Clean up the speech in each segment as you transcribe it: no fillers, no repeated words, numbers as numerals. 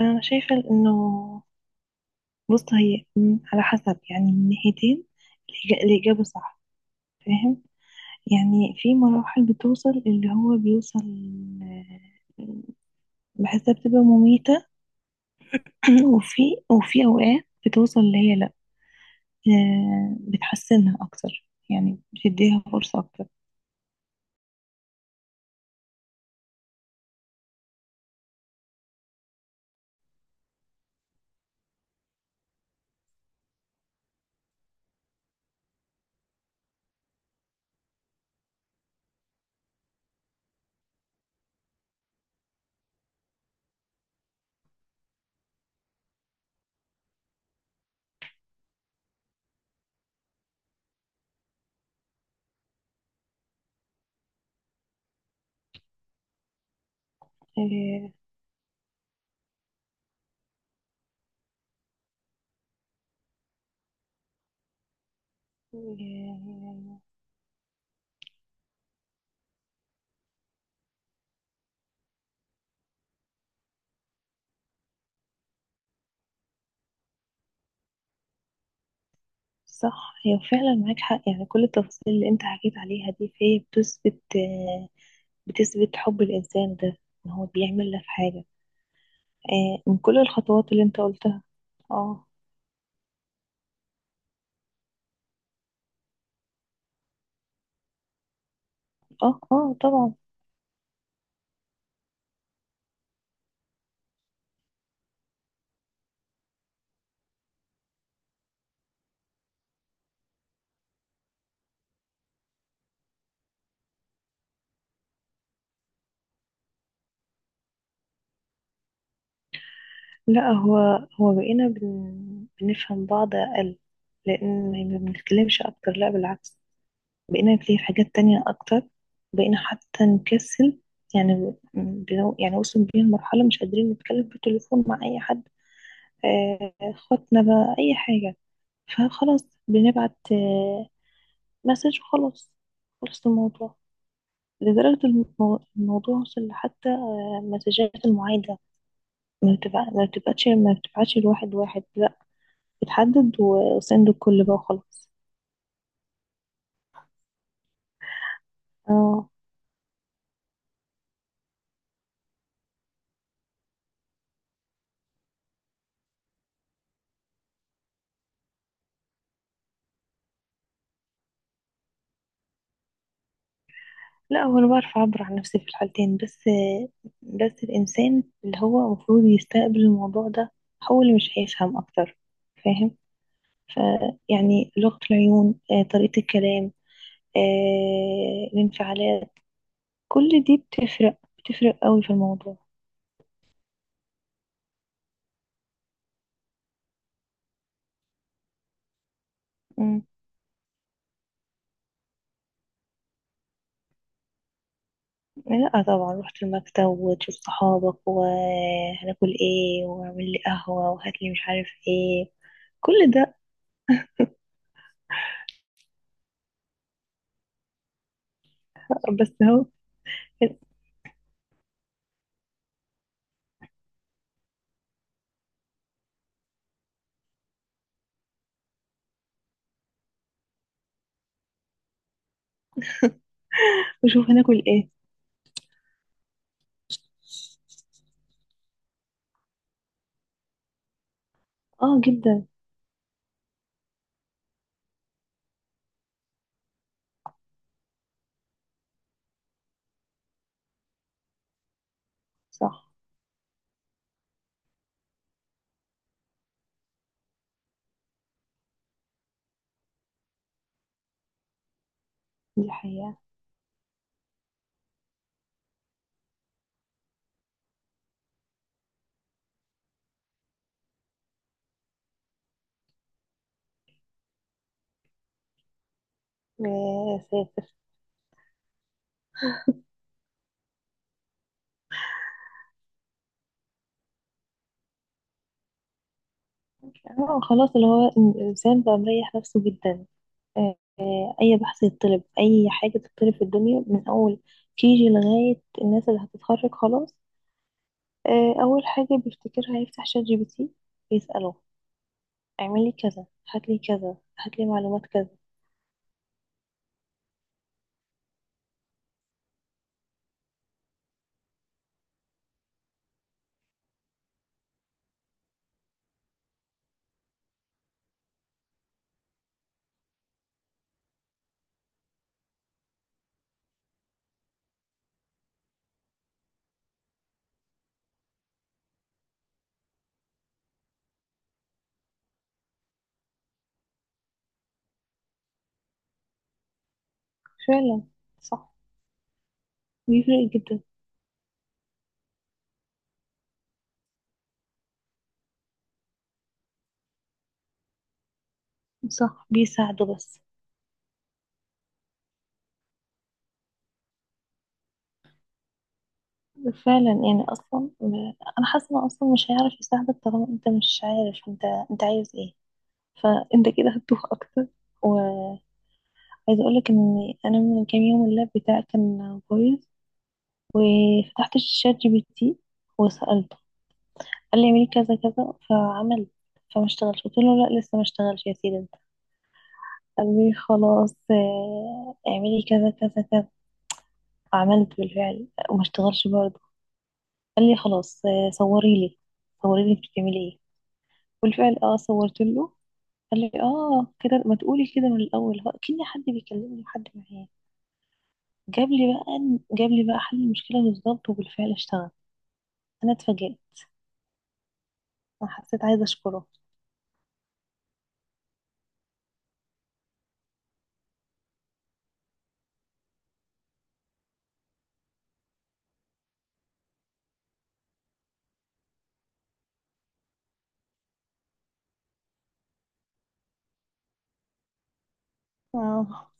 انا شايفه انه. بص، هي على حسب، يعني من ناحيتين. الاجابه صح. فاهم؟ يعني في مراحل بتوصل اللي هو بيوصل، آه، بحسها بتبقى مميته. وفي وفي اوقات بتوصل اللي هي لا. بتحسنها اكتر، يعني بتديها فرصه اكتر. آه، آه، صح، هي فعلا معاك حق. يعني كل التفاصيل اللي انت حكيت عليها دي فهي بتثبت، بتثبت حب الإنسان ده. إن هو بيعمل لك حاجة، من كل الخطوات اللي أنت قلتها. اه، اه، اه، طبعا. لا، هو بقينا بنفهم بعض أقل. لأن ما بنتكلمش أكتر، لا بالعكس. بقينا نتكلم في حاجات تانية أكتر. بقينا حتى نكسل. يعني يعني وصل بينا لمرحلة مش قادرين نتكلم في التليفون مع أي حد. خطنا بقى أي حاجة. فخلاص بنبعت مسج وخلاص. خلص الموضوع. لدرجة الموضوع وصل لحتى مسجات المعايدة. ما بتبعتش الواحد واحد، لا. بتحدد وسند الكل بقى وخلاص. اه. لا، هو انا بعرف اعبر عن نفسي في الحالتين. بس بس الانسان اللي هو المفروض يستقبل الموضوع ده هو اللي مش هيفهم اكتر. فاهم؟ فيعني لغة العيون، طريقة الكلام، الانفعالات، كل دي بتفرق، بتفرق قوي في الموضوع. لا طبعا، رحت المكتب وتشوف صحابك، وهناكل ايه، واعمل لي قهوة وهات لي مش عارف ايه. كل ده. بس اهو. وشوف هناكل ايه. اه جدا. صح. دي حقيقة. آه، سافر. اه خلاص، اللي هو الإنسان بقى مريح نفسه جدا. أي بحث يتطلب، أي حاجة تتطلب في الدنيا، من أول كيجي لغاية الناس اللي هتتخرج خلاص، أول حاجة بيفتكرها يفتح شات جي بي تي. يسأله: اعملي كذا، هاتلي كذا، هاتلي معلومات كذا. فعلا. صح. بيفرق جدا. صح، بيساعده بس. فعلا. يعني اصلا، انا حاسه انه اصلا مش هيعرف يساعدك طالما انت مش عارف انت عايز ايه. فانت كده هتتوه اكتر. وعايزه اقولك ان انا من كام يوم اللاب بتاعي كان بايظ، وفتحت الشات جي بي تي وسالته. قال لي اعملي كذا كذا، فعمل، فما اشتغلش. قلت له لا، لسه ما اشتغلش يا سيدي. قالوا لي خلاص، اعملي كذا كذا كذا. عملت بالفعل وما اشتغلش برضه. قال لي خلاص، صوري لي، صوري لي انت بتعملي ايه. بالفعل، اه، صورت له. قال لي اه كده، ما تقولي كده من الاول؟ هو كأن حد بيكلمني وحد معايا. جاب لي بقى جاب لي بقى حل المشكله بالظبط، وبالفعل اشتغل. انا اتفاجئت. انا حسيت عايزه اشكره. اه.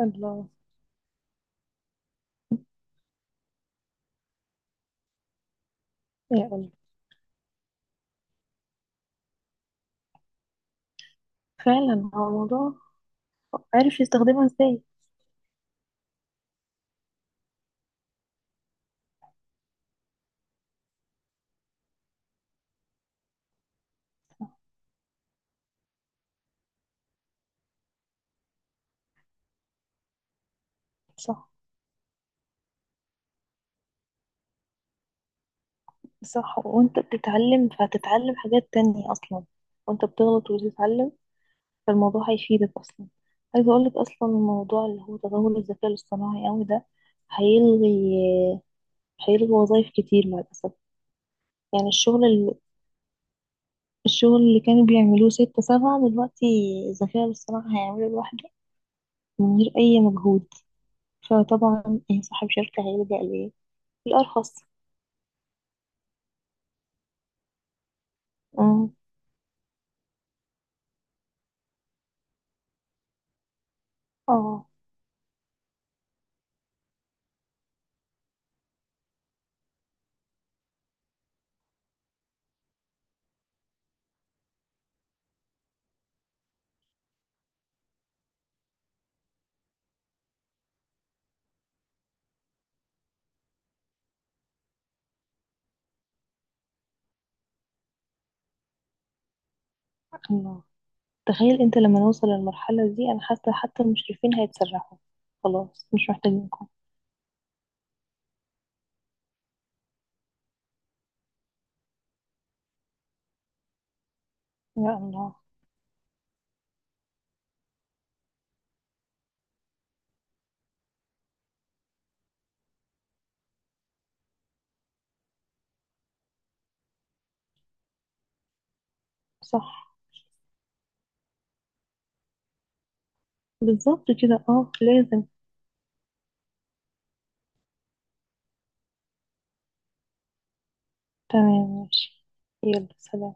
الله. يا قلبي. فعلا هو الموضوع. عارف يستخدمها ازاي. صح، صح، وانت بتتعلم فهتتعلم حاجات تانية اصلا. وانت بتغلط وتتعلم، فالموضوع هيفيدك اصلا. عايزة اقولك اصلا الموضوع اللي هو تطور الذكاء الاصطناعي اوي ده هيلغي، هيلغي وظايف كتير مع الاسف. يعني الشغل اللي كانوا بيعملوه ستة سبعة دلوقتي الذكاء الاصطناعي هيعمله لوحده، من غير اي مجهود. فطبعا اي صاحب شركة هيلجأ ليه الارخص. أمم. اه، تخيل انت لما نوصل للمرحلة دي، انا حاسة حتى المشرفين هيتسرحوا. خلاص مش محتاجينكم. يا الله. صح. بالظبط كده، اه لازم. تمام، ماشي. يلا، سلام.